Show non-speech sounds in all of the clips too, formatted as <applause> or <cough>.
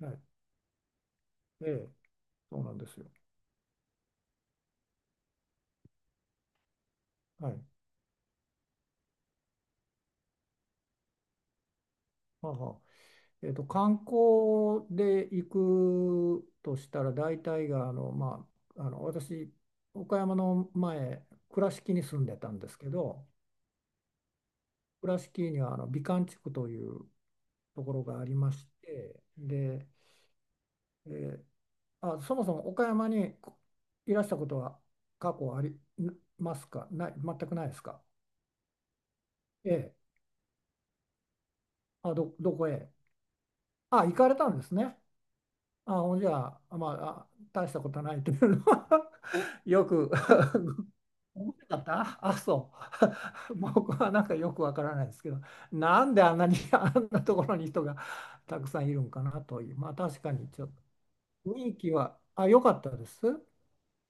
はい、ええ、そうなんですよ。はい。はあはあ。観光で行くとしたら、大体が、私、岡山の前、倉敷に住んでたんですけど、倉敷には、美観地区というところがありまして、で、えーそもそも岡山にいらしたことは過去ありますか？ない、全くないですか？ええ。あ、どこへ？あ、行かれたんですね。あ、ほんじゃあ、まあ、あ、大したことないというのは <laughs> よく <laughs> 面白かった。あ、そう。<laughs> 僕はなんかよくわからないですけど、なんであんなに <laughs> あんなところに人がたくさんいるんかなという。まあ確かに、ちょっと雰囲気は、あ、良かったです。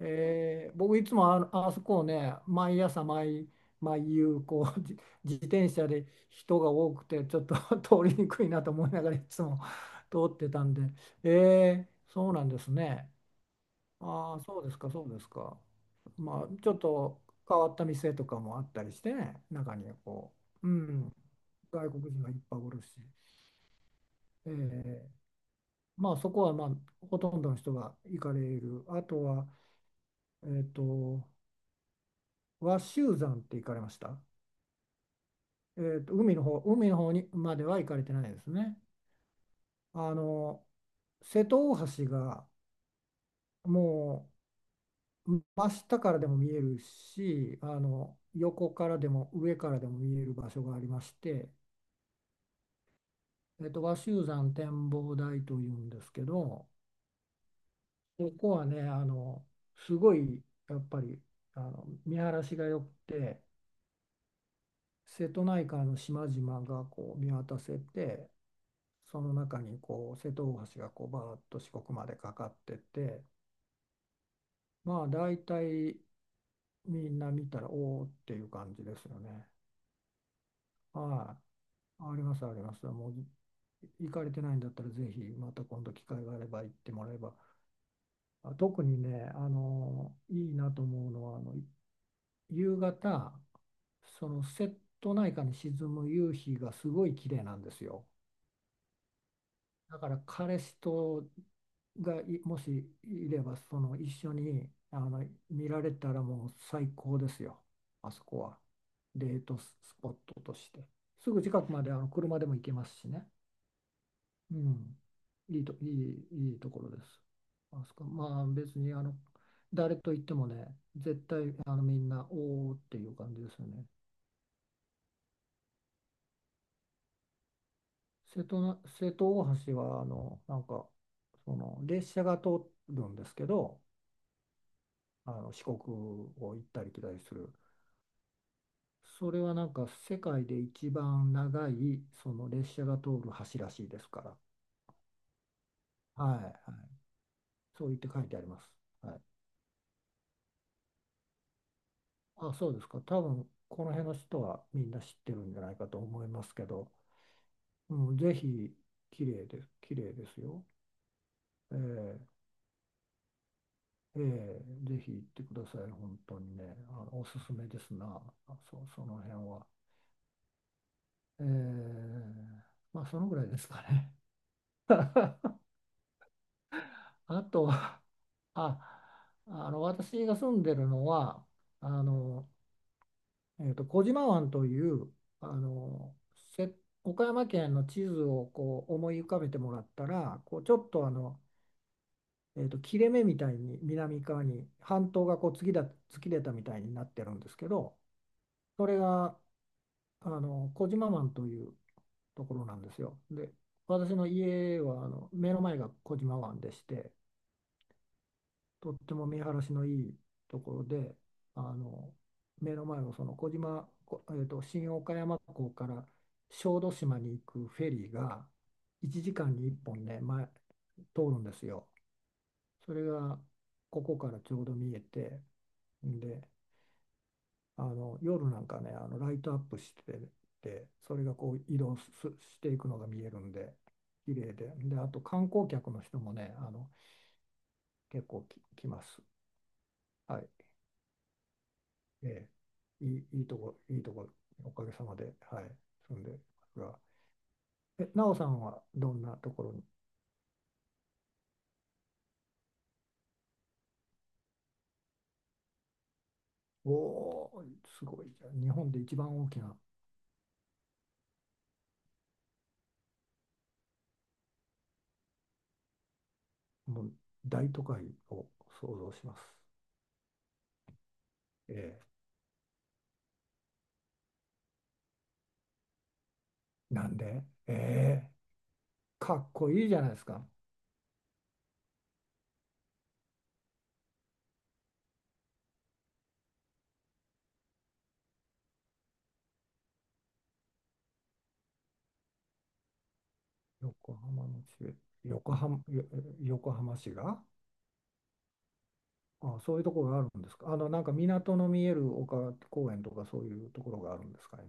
僕いつも、あそこをね、毎朝毎、毎夕こう <laughs> 自転車で人が多くて、ちょっと <laughs> 通りにくいなと思いながら、いつも <laughs> 通ってたんで。そうなんですね。ああ、そうですか、そうですか。まあちょっと変わった店とかもあったりしてね、中にはこう、うん、外国人がいっぱいおるし、えーまあそこはまあほとんどの人が行かれる。あとは、えっと和州山って行かれました？海の方にまでは行かれてないですね。あの、瀬戸大橋がもう真下からでも見えるし、横からでも上からでも見える場所がありまして、和州山展望台というんですけど、ここはね、すごいやっぱり見晴らしが良くて、瀬戸内海の島々がこう見渡せて、その中にこう瀬戸大橋がこうバーッと四国までかかってて、まあ大体みんな見たら、おおっていう感じですよね。はい、ありますあります。もう行かれてないんだったら、ぜひまた今度機会があれば行ってもらえば。あ、特にね、いいなと思うのは、夕方、その瀬戸内海に沈む夕日がすごい綺麗なんですよ。だから彼氏とがいもしいれば、一緒に見られたら、もう最高ですよ。あそこは、デートスポットとして、すぐ近くまで車でも行けますしね、うん、いいところです。あそこ、まあ別に誰と行ってもね、絶対みんなおーっていう感じですよね。瀬戸大橋はなんかその列車が通るんですけど、四国を行ったり来たりする。それはなんか、世界で一番長いその列車が通る橋らしいですから。はい、はい。そう言って書いてあります。はい。あ、そうですか。多分この辺の人はみんな知ってるんじゃないかと思いますけど、うん、ぜひ。綺麗です。綺麗ですよ。ええ、ええ、ぜひ行ってください。本当にね。おすすめですな。あ、そう、その辺は。ええ、まあそのぐらいですかね。<laughs> あとは、あ、私が住んでるのは、あの、小島湾という、あのせ岡山県の地図をこう思い浮かべてもらったら、こうちょっと、切れ目みたいに南側に半島がこう突き出たみたいになってるんですけど、それが小島湾というところなんですよ。で、私の家は目の前が小島湾でして、とっても見晴らしのいいところで、あの目の前を、その小島、こえーと、新岡山港から小豆島に行くフェリーが1時間に1本ね、通るんですよ。それがここからちょうど見えて、んで、夜なんかね、ライトアップしてて、それがこう移動すしていくのが見えるんで、綺麗で、で、あと観光客の人もね、結構来ます。はい、ええ、いいとこ、おかげさまで、はい、住んでますが、え、なおさんはどんなところに？おお、すごい。じゃあ日本で一番大きな、もう大都会を想像します。ええ、なんで？ええ、かっこいいじゃないですか。横浜の地べ、横浜、よ横浜市が。あ、そういうところがあるんですか。なんか、港の見える丘公園とかそういうところがあるんですかね。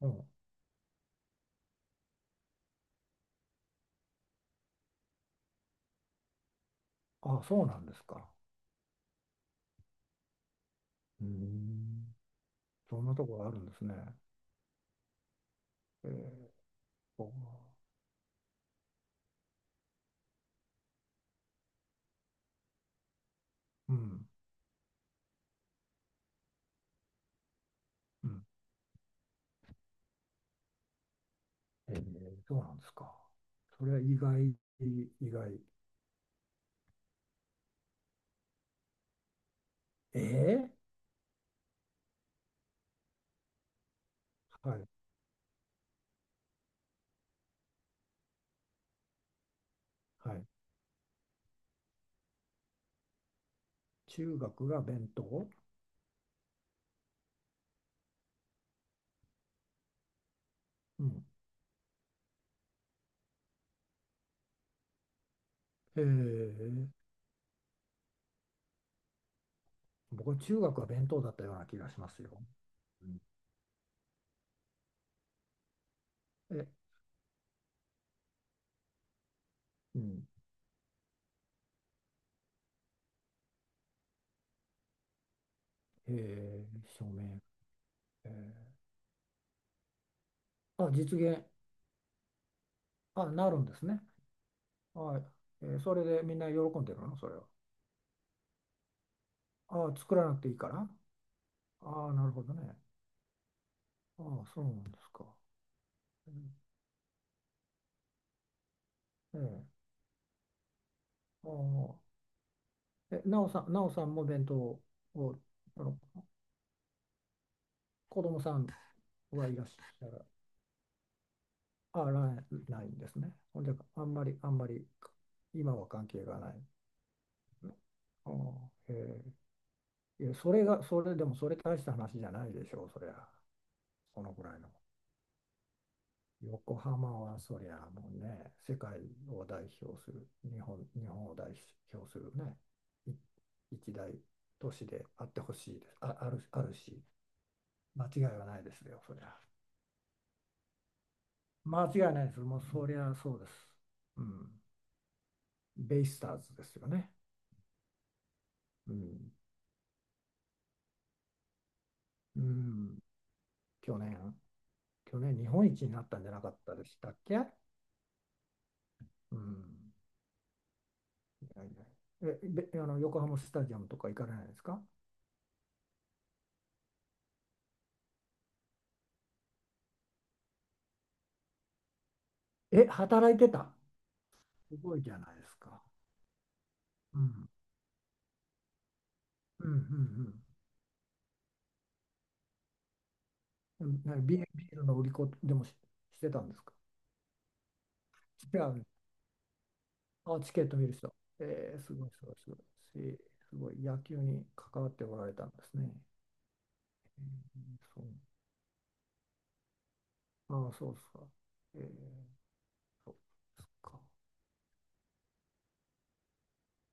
うん。あ、そうなんですか。うーんそんなとこがあるんですね。えー、そう。うん、うん。えー、そうなんですか。それは意外。えはい、はい。中学が弁当？うん。えー、僕は中学は弁当だったような気がしますよ。うん。え、うん。証明。えあ、実現。あ、なるんですね。はい。それでみんな喜んでるの、それは？あ、作らなくていいから。あ、なるほどね。あ、そうなんですか。うん。ええ、ああ。え、なおさんも弁当を、あの、子供さんはいらっしゃら、らないんですね。ほんで、あんまり、今は関係がないんですね。ああ、へえ、いや、それが、それでも、それ、大した話じゃないでしょう、そりゃ。そのぐらいの。横浜は、そりゃ、もうね、世界を代表する、日本を代表するね、い一大都市であってほしいです。あ、あるし。間違いはないですよ、そりゃ。間違いないです。もうそりゃそうです。うん。ベイスターズですよね。うん。うん。去年、去年日本一になったんじゃなかったでしたっけ？うん。いやいや。え、べ、あの、横浜スタジアムとか行かれないですか？え、働いてた？すごいじゃないですか。うん。うん、うん、うん。ビールの売り子で、してたんですか？違う。あ、チケット見る人。すごい、すごい、すごい。しすごい、野球に関わっておられたんですね。そう。ああ、そうですか。えー、そうですか。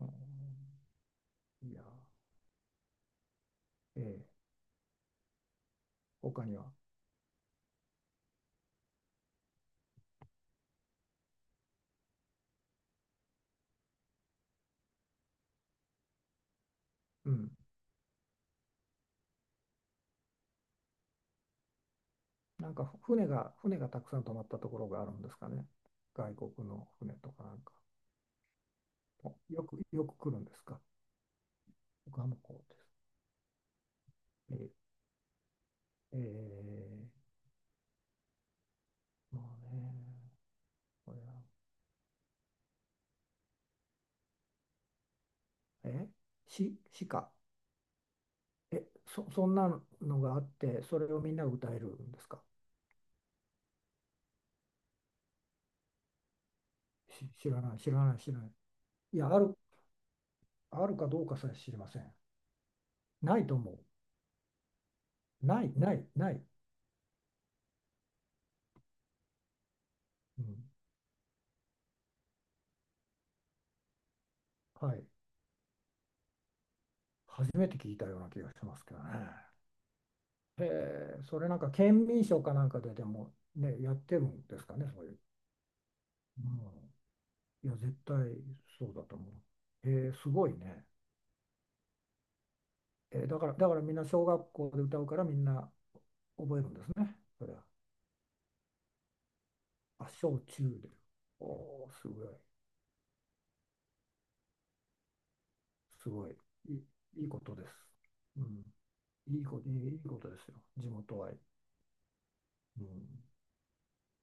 うん、いや、えー、他には？うん。なんか船がたくさん泊まったところがあるんですかね。外国の船とかなんか。よく来るんですか？横浜港です。えー、えまあね、これは。え、し、鹿。え、そんなのがあって、それをみんなが歌えるんですか？知らない、知らない、知らない。いや、あるかどうかさえ知りません。ないと思う。ない、ない、ない。うん。はい。初めて聞いたような気がしますけどね。へえ、それなんか、県民賞かなんかででもね、やってるんですかね、そういう。うん。いや、絶対そうだと思う。へえ、すごいね。え、だからみんな小学校で歌うから、みんな覚えるんですね。それは。あ、小中で。おー、すごい。すごい。いい、いいことです。うん。いいことですよ。地元愛。うん。